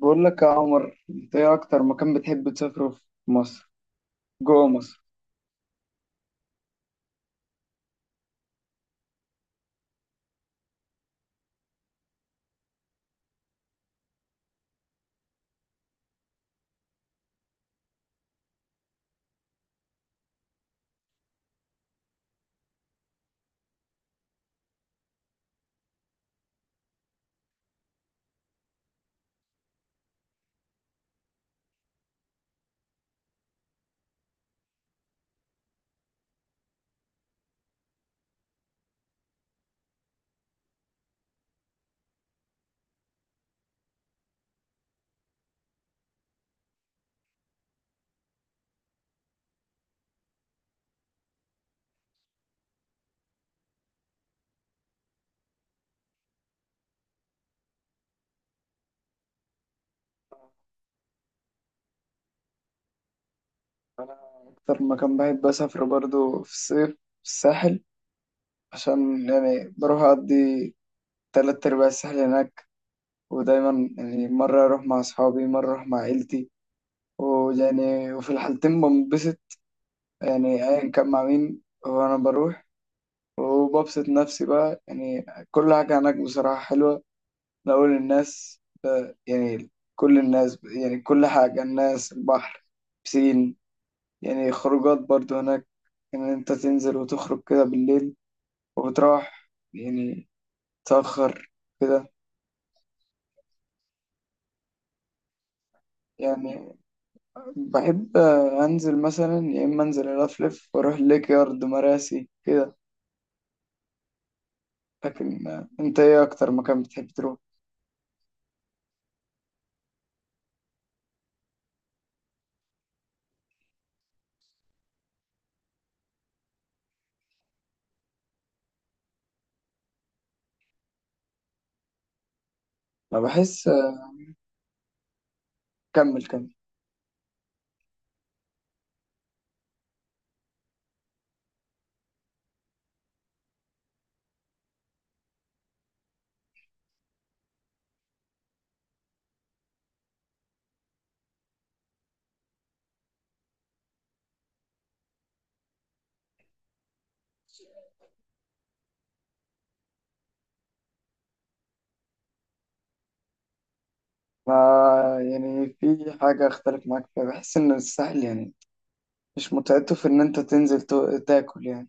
بقول لك يا عمر، انت ايه اكتر مكان بتحب تسافره في مصر؟ جوه مصر. انا، اكتر مكان بحب اسافره برضو في الصيف في الساحل، عشان يعني بروح اقضي تلات ارباع الساحل هناك. ودايما يعني مرة اروح مع اصحابي، مرة اروح مع عيلتي، ويعني وفي الحالتين بنبسط. يعني ايا كان مع مين وانا بروح، وببسط نفسي بقى. يعني كل حاجة هناك بصراحة حلوة، نقول الناس، يعني كل الناس، يعني كل حاجة، الناس، البحر، بسين. يعني خروجات برضو هناك، إن يعني أنت تنزل وتخرج كده بالليل، وبتروح يعني تأخر كده. يعني بحب أنزل مثلا، يا إما أنزل ألفلف وأروح ليك يارد مراسي كده. لكن أنت إيه أكتر مكان بتحب تروح؟ أنا بحس. كمل كمل. ما يعني في حاجة أختلف معاك فيها، بحس إن الساحل يعني مش متعته في ان انت تنزل تاكل يعني.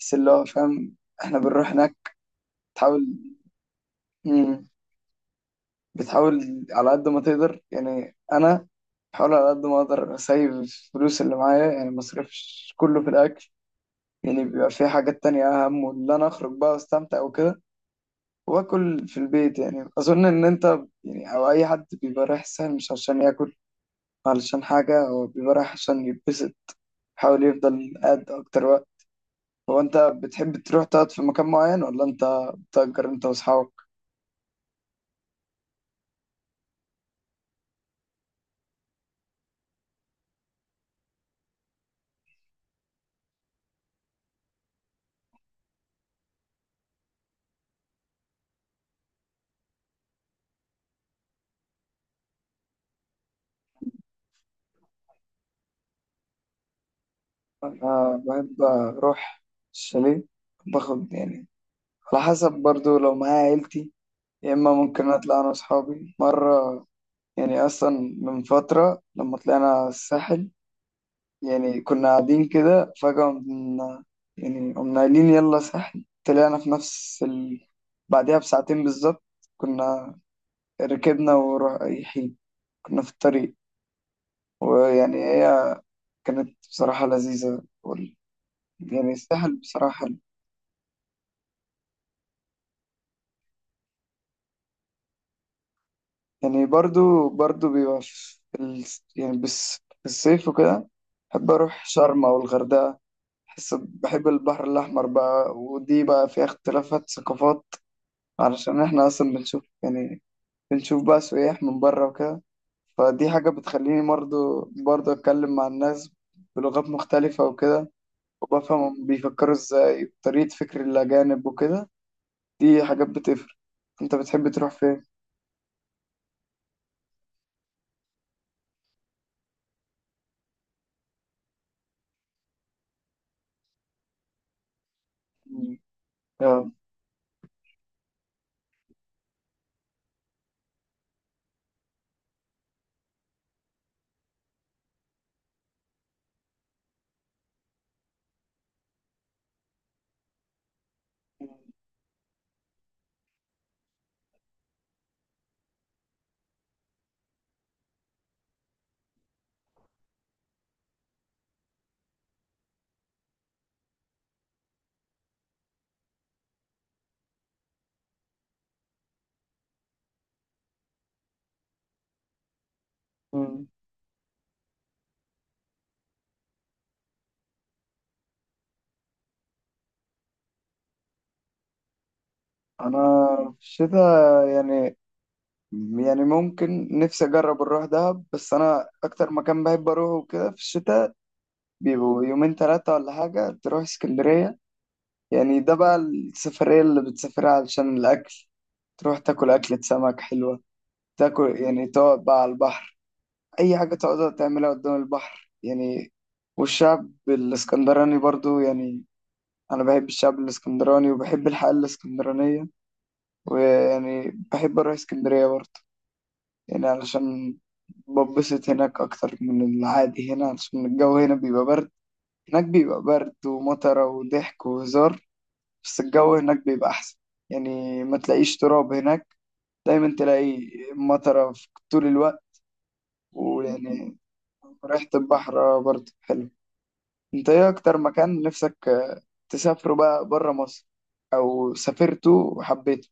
بس اللي هو فاهم، احنا بنروح هناك، تحاول. مم. بتحاول على قد ما تقدر، يعني انا بحاول على قد ما اقدر اسيب الفلوس اللي معايا، يعني ما اصرفش كله في الاكل. يعني بيبقى في حاجات تانية اهم، واللي انا اخرج بقى واستمتع وكده، واكل في البيت. يعني اظن ان انت، يعني او اي حد بيبقى رايح الساحل مش عشان ياكل، علشان حاجة هو بيبقى رايح عشان يتبسط، بيحاول يفضل قاعد اكتر وقت. هو انت بتحب تروح تقعد في مكان معين، ولا انت بتأجر انت واصحابك؟ انا بحب اروح الشاليه، باخد يعني على حسب برضو، لو معايا عيلتي يا اما ممكن اطلع انا واصحابي مرة. يعني اصلا من فترة لما طلعنا الساحل، يعني كنا قاعدين كده فجأة قمنا، يعني قمنا قايلين يلا ساحل، طلعنا في نفس بعدها بساعتين بالظبط كنا ركبنا ورايحين، كنا في الطريق، ويعني هي كانت بصراحة لذيذة، يعني يستاهل بصراحة. يعني برضو برضو بيبقى في يعني بس في الصيف وكده بحب أروح شرم أو الغردقة. بحس بحب البحر الأحمر بقى، ودي بقى فيها اختلافات ثقافات، علشان إحنا أصلا بنشوف، يعني بنشوف بقى سياح من بره وكده. فدي حاجة بتخليني برضو برضو أتكلم مع الناس بلغات مختلفة وكده، وبفهم هم بيفكروا إزاي، طريقة فكر الأجانب وكده. دي حاجات بتفرق. انت بتحب تروح فين؟ مم. اه. مم. انا في الشتاء يعني، يعني ممكن نفسي اجرب اروح دهب، بس انا اكتر مكان بحب اروحه كده في الشتاء، بيبقوا يومين ثلاثة ولا حاجة، تروح اسكندرية. يعني ده بقى السفرية اللي بتسافرها علشان الاكل، تروح تاكل أكلة سمك حلوة، تاكل يعني، تقعد بقى على البحر، أي حاجة تقعد تعملها قدام البحر يعني. والشعب الإسكندراني برضو، يعني انا بحب الشعب الاسكندراني وبحب الحياة الاسكندرانية، ويعني بحب اروح اسكندرية برضه، يعني علشان ببسط هناك اكتر من العادي هنا، علشان الجو هنا بيبقى برد، هناك بيبقى برد ومطره وضحك وهزار، بس الجو هناك بيبقى احسن. يعني ما تلاقيش تراب هناك، دايما تلاقي مطره في طول الوقت، ويعني ريحة البحر برضه حلو. انت ايه اكتر مكان نفسك تسافره بقى بره مصر، او سافرته وحبيته؟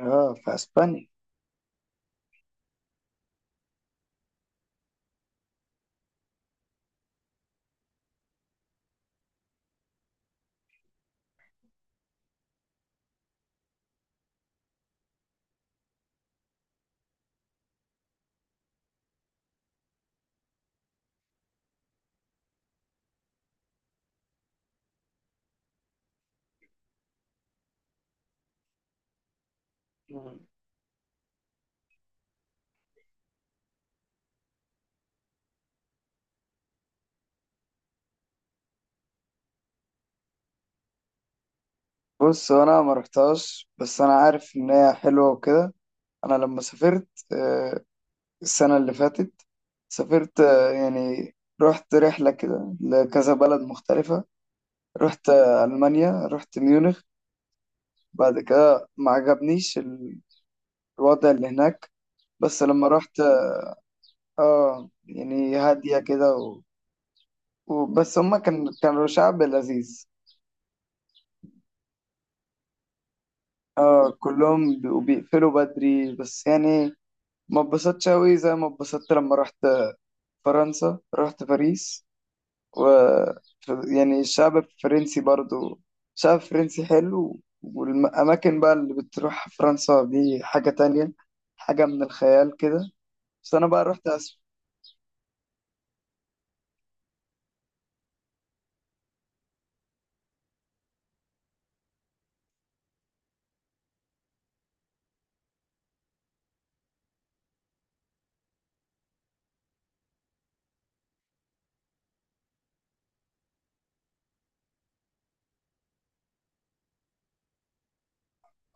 اه، في اسبانيا. مم. بص، هو انا ما رحتهاش، بس انا عارف ان هي حلوه وكده. انا لما سافرت آه، السنه اللي فاتت، سافرت يعني رحت رحله كده لكذا بلد مختلفه. رحت المانيا، رحت ميونخ. بعد كده ما عجبنيش الوضع اللي هناك. بس لما رحت. اه يعني هاديه كده وبس، هما كانوا شعب لذيذ. اه، كلهم بيبقوا بيقفلوا بدري بس يعني ما اتبسطتش أوي زي ما اتبسطت لما رحت فرنسا، رحت باريس، و يعني الشعب الفرنسي برضو، شعب فرنسي حلو، والأماكن بقى اللي بتروح فرنسا دي حاجة تانية، حاجة من الخيال كده. بس أنا بقى رحت أسبانيا.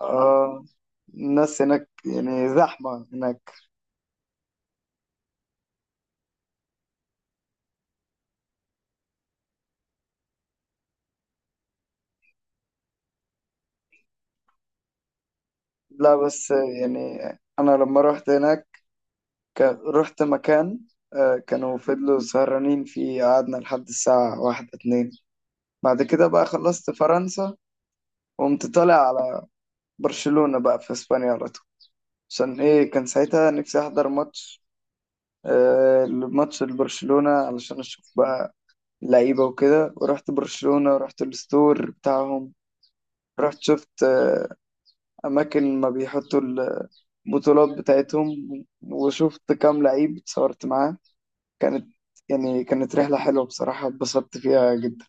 آه. الناس هناك يعني زحمة هناك. لا، بس يعني أنا لما رحت هناك رحت مكان كانوا فضلوا سهرانين فيه، قعدنا لحد الساعة واحدة اتنين. بعد كده بقى خلصت فرنسا، وقمت طالع على برشلونة بقى في اسبانيا على طول، عشان ايه، كان ساعتها نفسي احضر ماتش لبرشلونة علشان اشوف بقى لعيبة وكده، ورحت برشلونة، ورحت الستور بتاعهم. رحت شفت اماكن ما بيحطوا البطولات بتاعتهم، وشفت كام لعيب اتصورت معاه. كانت كانت رحلة حلوة بصراحة، اتبسطت فيها جدا.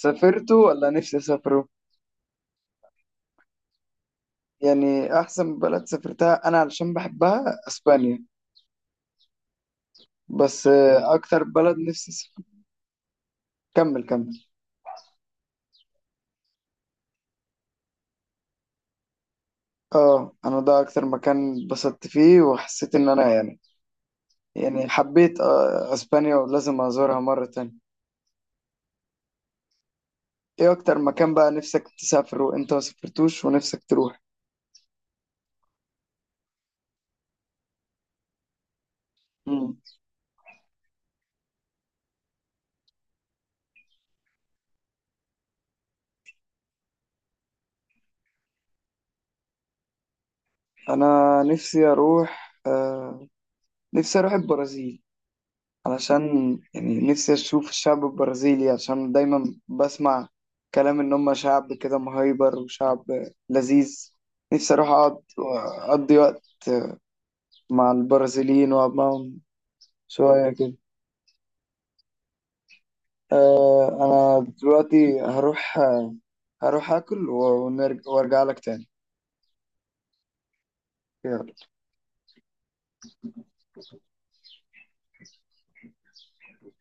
سافرتوا ولا نفسي اسافروا؟ يعني احسن بلد سافرتها انا علشان بحبها اسبانيا، بس اكتر بلد نفسي اسافر. كمل كمل. اه، انا ده اكتر مكان اتبسطت فيه، وحسيت ان انا يعني، يعني حبيت اسبانيا، ولازم ازورها مرة تانية. ايه اكتر مكان بقى نفسك تسافره وانت ما سافرتوش ونفسك تروح؟ مم. انا نفسي اروح البرازيل، علشان يعني نفسي أشوف الشعب البرازيلي، عشان دايما بسمع كلام إن هم شعب كده مهيبر، وشعب لذيذ. نفسي أروح أقعد، أقضي وقت مع البرازيليين وأقعد معاهم شوية كده. أه، أنا دلوقتي هروح آكل ونرجع، وأرجع لك تاني. يلا.